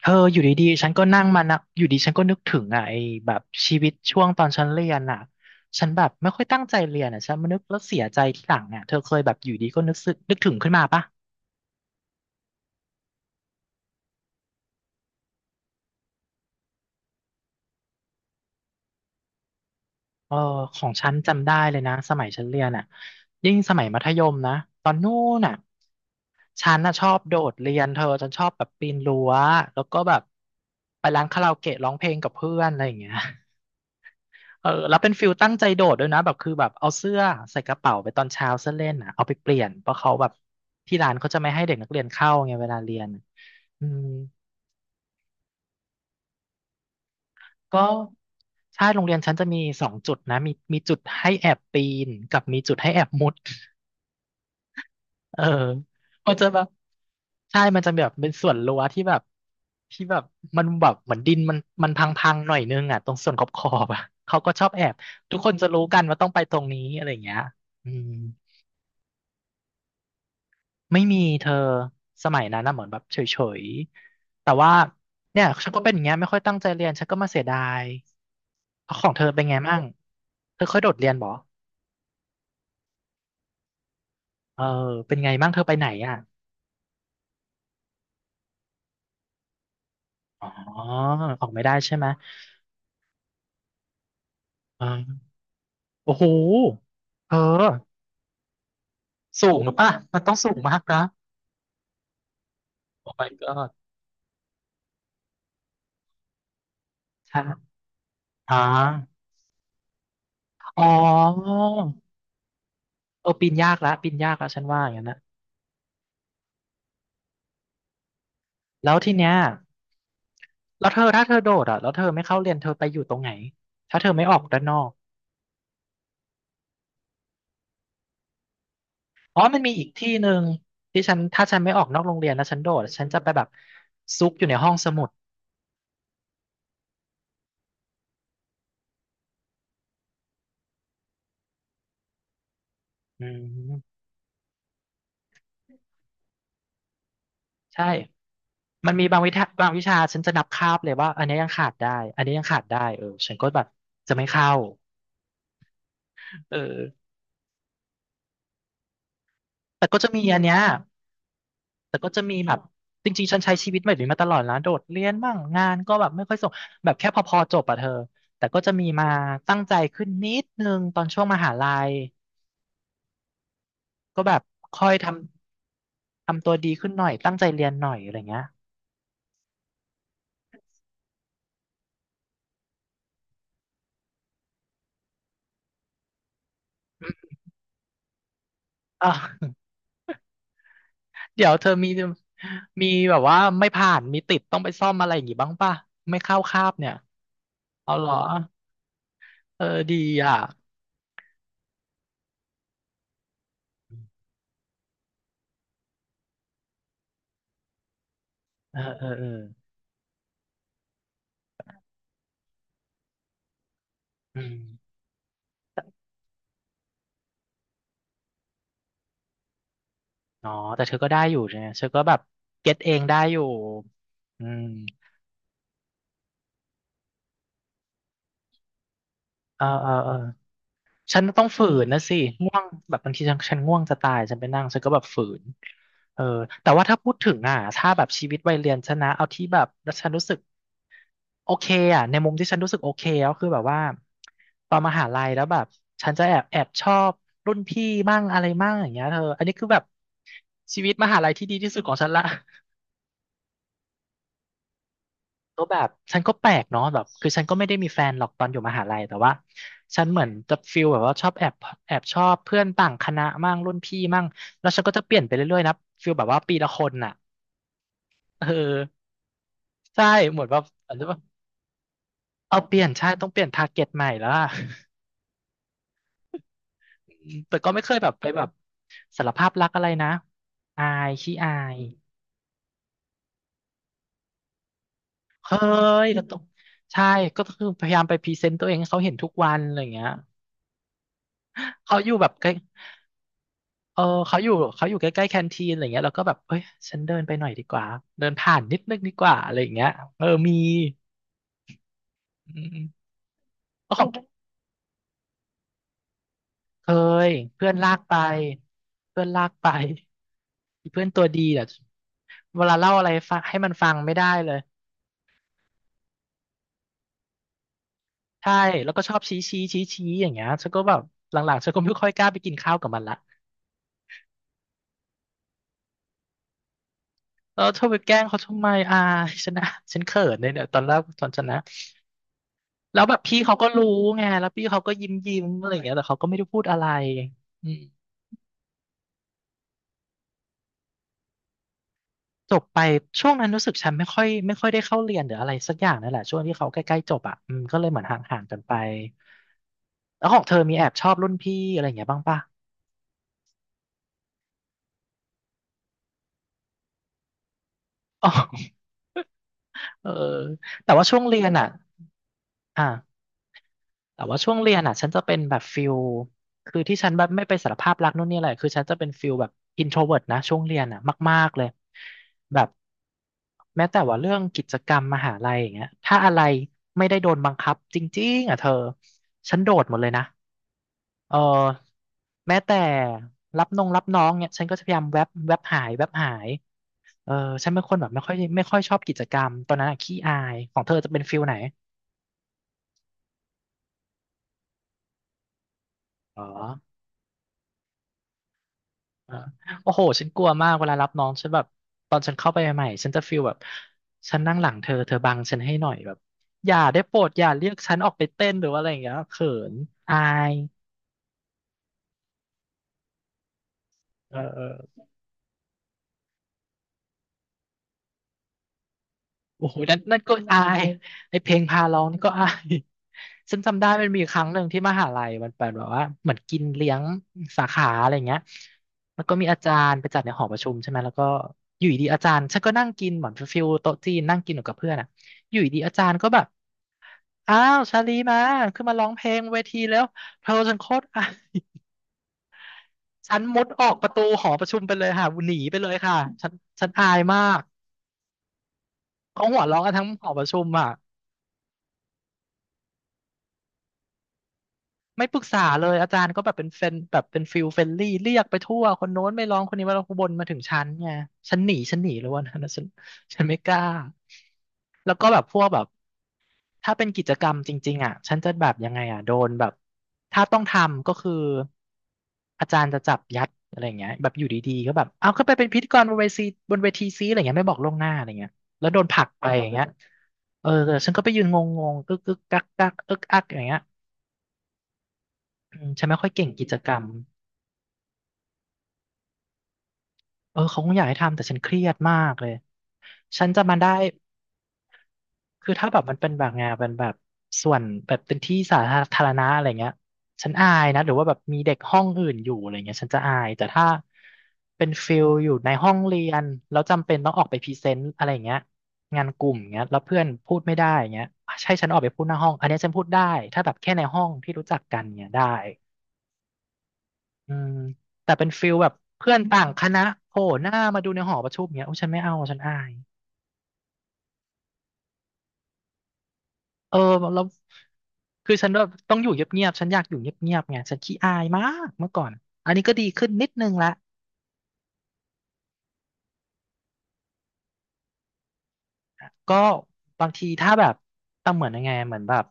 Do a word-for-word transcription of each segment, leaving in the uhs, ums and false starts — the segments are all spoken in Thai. เธออยู่ดีๆฉันก็นั่งมานะอยู่ดีฉันก็นึกถึงอ่ะไอ้แบบชีวิตช่วงตอนฉันเรียนอ่ะฉันแบบไม่ค่อยตั้งใจเรียนอ่ะฉันมานึกแล้วเสียใจทีหลังอ่ะเธอเคยแบบอยู่ดีก็นึกสึกนึกถึงขึ้นมาปะเออของฉันจำได้เลยนะสมัยฉันเรียนอ่ะยิ่งสมัยมัธยมนะตอนนู้นอ่ะฉันน่ะชอบโดดเรียนเธอฉันชอบแบบปีนรั้วแล้วก็แบบไปร้านคาราโอเกะร้องเพลงกับเพื่อนอะไรอย่างเงี้ย เออแล้วเป็นฟิลตั้งใจโดดด้วยนะแบบคือแบบเอาเสื้อใส่กระเป๋าไปตอนเช้าเสื้อเล่นอ่ะเอาไปเปลี่ยนเพราะเขาแบบที่ร้านเขาจะไม่ให้เด็กนักเรียนเข้าไงเวลาเรียนอืมก็ใช่โรงเรียนฉันจะมีสองจุดนะมีมีจุดให้แอบปีนกับมีจุดให้แอบมุดเออมันจะแบบใช่มันจะแบบเป็นส่วนรั้วที่แบบที่แบบมันแบบเหมือนดินมันมันพังๆหน่อยนึงอ่ะตรงส่วนขอบๆอบอ่ะเขาก็ชอบแอบทุกคนจะรู้กันว่าต้องไปตรงนี้อะไรอย่างเงี้ยอืม ไม่มีเธอสมัยนั้นนะเหมือนแบบเฉยๆแต่ว่าเนี่ยฉันก็เป็นอย่างเงี้ยไม่ค่อยตั้งใจเรียนฉันก็มาเสียดายเอาของเธอเป็นไงมั่งเธอเคยโดดเรียนบ่เออเป็นไงมั่งเธอไปไหนอ่ะอ๋อออกไม่ได้ใช่ไหมอ๋อโอ้โหเธอสูงหรือปะมันต้องสูงมากนะโอ้ my god ใช่อ๋ออ๋อเออปีนยากละปีนยากละฉันว่าอย่างนั้นนะแล้วทีเนี้ย แล้วเธอถ้าเธอโดดอ่ะแล้วเธอไม่เข้าเรียนเธอไปอยู่ตรงไหนถ้าเธอไม่ออกด้านนอกอ๋อมันมีอีกที่หนึ่งที่ฉันถ้าฉันไม่ออกนอกโรงเรียนแล้วฉันโดดฉันจะไปแบบซุกอยู่ในห้องสมุดอืมใช่มันมีบางวิชาบางวิชาฉันจะนับคาบเลยว่าอันนี้ยังขาดได้อันนี้ยังขาดได้เออฉันก็แบบจะไม่เข้าเออแต่ก็จะมีอันเนี้ย แต่ก็จะมีแบบจริงๆฉันใช้ชีวิตแบบนี้มาตลอดนะโดดเรียนบ้างงานก็แบบไม่ค่อยส่งแบบแค่พอๆจบอะเธอแต่ก็จะมีมาตั้งใจขึ้นนิดนึงตอนช่วงมหาลัยก็แบบค่อยทำทำตัวดีขึ้นหน่อยตั้งใจเรียนหน่อยอะไรเงี้ยอ่ะ เดี๋ยวเธอมีมีแบบว่าไม่ผ่านมีติดต้องไปซ่อมอะไรอย่างงี้บ้างป่ะไม่เข้าคาบเนี่ยเอาเหรอเออดีอ่ะเออเออเอออืม อ๋อแต่เธอก็ได้อยู่เนี่ยเธอก็แบบเก็ตเองได้อยู่อืมเออเออเออฉันต้องฝืนนะสิง่วงแบบบางทีฉันฉันง่วงจะตายฉันไปนั่งฉันก็แบบฝืนเออแต่ว่าถ้าพูดถึงอ่ะถ้าแบบชีวิตวัยเรียนฉันนะเอาที่แบบแล้วฉันรู้สึกโอเคอ่ะในมุมที่ฉันรู้สึกโอเคก็คือแบบว่าตอนมหาลัยแล้วแบบฉันจะแอบแอบชอบรุ่นพี่มั่งอะไรมั่งอย่างเงี้ยเธออันนี้คือแบบชีวิตมหาลัยที่ดีที่สุดของฉันละ ก็แบบฉันก็แปลกเนาะแบบคือฉันก็ไม่ได้มีแฟนหรอกตอนอยู่มหาลัยแต่ว่าฉันเหมือนจะฟิลแบบว่าชอบแอบแอบชอบเพื่อนต่างคณะมั่งรุ่นพี่มั่งแล้วฉันก็จะเปลี่ยนไปเรื่อยๆนะฟิลแบบว่าปีละคนน่ะเออใช่เหมือนแบบอาจจะว่าเอาเปลี่ยนใช่ต้องเปลี่ยนทาร์เก็ตใหม่แล้วอะ อืมแต่ก็ไม่เคยแบบไปแบบสารภาพรักอะไรนะอายขี้อายเฮ้ยแล้วต้องใช่ก็คือพยายามไปพรีเซนต์ตัวเองให้เขาเห็นทุกวันอะไรอย่างเงี้ยเขาอยู่แบบ เออเขาอยู่เขาอยู่ใกล้ๆแคนทีนอะไรเงี้ยเราก็แบบเอ้ยฉันเดินไปหน่อยดีกว่าเดินผ่านนิดนึงดีกว่าอะไรอย่างเงี้ยเออมีอืมๆก็ของเคยเพื่อนลากไปเพื่อนลากไปอีเพื่อนตัวดีเนี่ยเวลาเล่าอะไรฟังให้มันฟังไม่ได้เลยใช่แล้วก็ชอบชี้ชี้ชี้ชี้อย่างเงี้ยฉันก็แบบหลังๆฉันก็ไม่ค่อยกล้าไปกินข้าวกับมันละเออเธอไปแกล้งเขาทำไมอ่าฉันนะฉันเขินเลยเนี่ยตอนแรกตอนฉันนะ แล้วแบบพี่เขาก็รู้ไงแล้วพี่เขาก็ยิ้มยิ้มอะไรอย่างเงี้ยแต่เขาก็ไม่ได้พูดอะไรอืมจบไปช่วงนั้นรู้สึกฉันไม่ค่อยไม่ค่อยได้เข้าเรียนหรืออะไรสักอย่างนั่นแหละช่วงที่เขาใกล้ๆจบอ่ะอืมก็เลยเหมือนห่างๆกันไปแล้วของเธอมีแอบชอบรุ่นพี่อะไรอย่างเงี้ยบ้างปะอ๋อเออแต่ว่าช่วงเรียนอ่ะอ่ะ แต่ว่าช่วงเรียนอ่ะฉันจะเป็นแบบฟิลคือที่ฉันแบบไม่ไปสารภาพรักนู่นนี่อะไรคือฉันจะเป็นฟิลแบบอินโทรเวิร์ตนะช่วงเรียนอ่ะมากๆเลยแบบแม้แต่ว่าเรื่องกิจกรรมมหาลัยอย่างเงี้ยถ้าอะไรไม่ได้โดนบังคับจริงๆอ่ะเธอฉันโดดหมดเลยนะเออแม้แต่รับนงรับน้องเนี่ยฉันก็จะพยายามแวบแวบหายแวบหายเออฉันเป็นคนแบบไม่ค่อยไม่ค่อยชอบกิจกรรมตอนนั้นอะขี้อายของเธอจะเป็นฟิลไหนอ๋อ อ่าโอ้โห ฉันกลัวมากเวลารับน้อง ฉันแบบตอนฉันเข้าไปใหม่ๆฉันจะฟีลแบบฉันนั่งหลังเธอ เธอบังฉันให้หน่อยแบบอย่าได้โปรดอย่าเรียกฉันออกไปเต้นหรือว่าอะไรอย่างเงี้ยเขินอายเออเออโอ้โหนั่นนั่นก็อายไอเพลงพาร้องนี่ก็อายฉันจำได้มันมีครั้งหนึ่งที่มหาลัยมันเป็นแบบว่าเหมือนกินเลี้ยงสาขาอะไรเงี้ยแล้วก็มีอาจารย์ไปจัดในหอประชุมใช่ไหมแล้วก็อยู่ดีๆอาจารย์ฉันก็นั่งกินเหมือนฟิลโต๊ะจีนนั่งกินอยู่กับเพื่อนอะอยู่ดีๆอาจารย์ก็แบบ อ้าวชาลีมาขึ้นมาร้องเพลงเวทีแล้วเธอฉันโคตรอายฉันมุดออกประตูหอประชุมไปเลยค่ะหนีไปเลยค่ะฉันฉันอายมากเขาหัวเราะกันทั้งหอประชุมอ่ะไม่ปรึกษาเลยอาจารย์ก็แบบเป็นเฟนแบบเป็นฟิลเฟนลี่เรียกไปทั่วคนโน้นไม่ร้องคนนี้มาร้องคนบนมาถึงฉันไงฉันหนีฉันหนีเลยวันนั้นนะฉันฉันไม่กล้าแล้วก็แบบพวกแบบ ถ้าเป็นกิจกรรมจริงๆอ่ะฉันจะแบบยังไงอ่ะโดนแบบถ้าต้องทำก็คืออาจารย์จะจับยัดอะไรอย่างเงี้ยแบบอยู่ดีๆก็แบบเอาเขึ้นไปเป็นพิธีกรบนเวทีบนเวทีซีอะไรเงี้ยไม่บอกล่วงหน้าอะไรเงี้ยแล้วโดนผลักไปอย่างเงี้ยเออแต่ฉันก็ไปยืนงงๆกึกกึกกักกักเอิกอักอย่างเงี้ยอืมฉันไม่ค่อยเก่งกิจกรรมเออเขาคงอยากให้ทำแต่ฉันเครียดมากเลย ฉันจะมาได้ คือถ้าแบบมันเป็นแบบงานเป็นแบบส่วนแบบเป็นที่สาธารณะอะไรเงี้ยฉันอายนะหรือว่าแบบมีเด็กห้องอื่นอยู่อะไรเงี้ยฉันจะอายแต่ถ้าเป็นฟิลอยู่ในห้องเรียนแล้วจำเป็นต้องออกไปพรีเซนต์อะไรเงี้ยงานกลุ่มเงี้ยแล้วเพื่อนพูดไม่ได้เงี้ยใช่ฉันออกไปพูดหน้าห้องอันเนี้ยฉันพูดได้ถ้าแบบแค่ในห้องที่รู้จักกันเงี้ยได้อืมแต่เป็นฟิลแบบเพื่อนต่างคณะโผล่หน้ามาดูในหอประชุมเงี้ยโอ้ฉันไม่เอาฉันอาย เออแล้วคือฉันแบบต้องอยู่เงียบๆฉันอยากอยู่เงียบๆไงฉันขี้อายมากเมื่อก่อนอันนี้ก็ดีขึ้นนิดนึงละก็บางทีถ้าแบบตั้งเหมือนยังไงเหมือนแบบ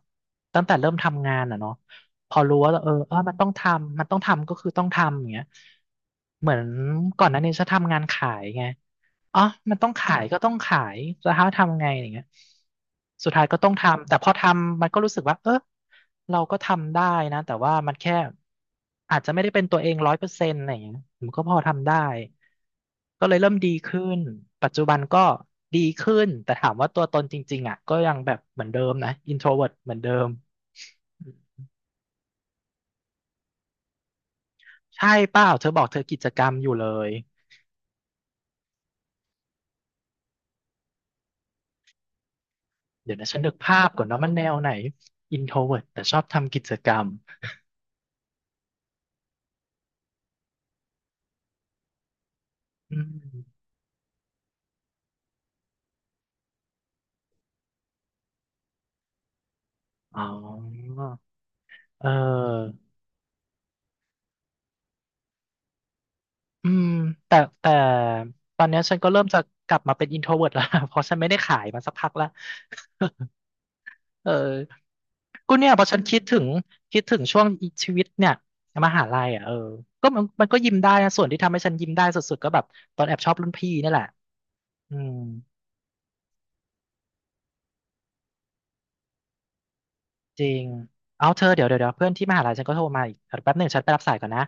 ตั้งแต่เริ่มทำงานอ่ะเนาะพอรู้ว่าเออเออมันต้องทำมันต้องทำก็คือต้องทำอย่างเงี้ยเหมือนก่อนหน้านี้ฉันทำงานขายไง อ๋อมันต้องขายก็ต้องขายแล้วเขาทำไงอย่างเงี้ยสุดท้ายก็ต้องทำ แต่พอทำมันก็รู้สึกว่าเออเราก็ทำได้นะ แต่ว่ามันแค่อาจจะไม่ได้เป็นตัวเองร้อยเปอร์เซ็นต์อะไรอย่างเงี้ยผมก็พอทำได้ ก็เลยเริ่มดีขึ้น ปัจจุบันก็ดีขึ้น แต่ถามว่าตัวตนจริงๆอ่ะก็ยังแบบเหมือนเดิมนะอินโทรเวิร์ตเหมือนเดิมใช่เปล่าเธอบอกเธอกิจกรรมอยู่เลย เดี๋ยวนะฉันนึกภาพก่อนเนาะมันแนวไหนอินโทรเวิร์ตแต่ชอบทำกิจกรรมอืม อ๋อเอออืมแต่แต่ตอนเนี้ยฉันก็เริ่มจะกลับมาเป็น introvert แล้ว เพราะฉันไม่ได้ขายมาสักพักแล้วเออก็เนี่ยพอฉันคิดถึงคิดถึงช่วงชีวิตเนี่ยมหาลัยอ่ะเออก็มันมันก็ยิ้มได้นะส่วนที่ทำให้ฉันยิ้มได้สุดๆก็แบบตอนแอบชอบรุ่นพี่นี่แหละอืมจริงเอาเธอเดี๋ยวเดี๋ยวเดี๋ยวเพื่อนที่มหาลัยฉันก็โทรมาอีกแป๊บหนึ่งฉันไปรับสายก่อนนะ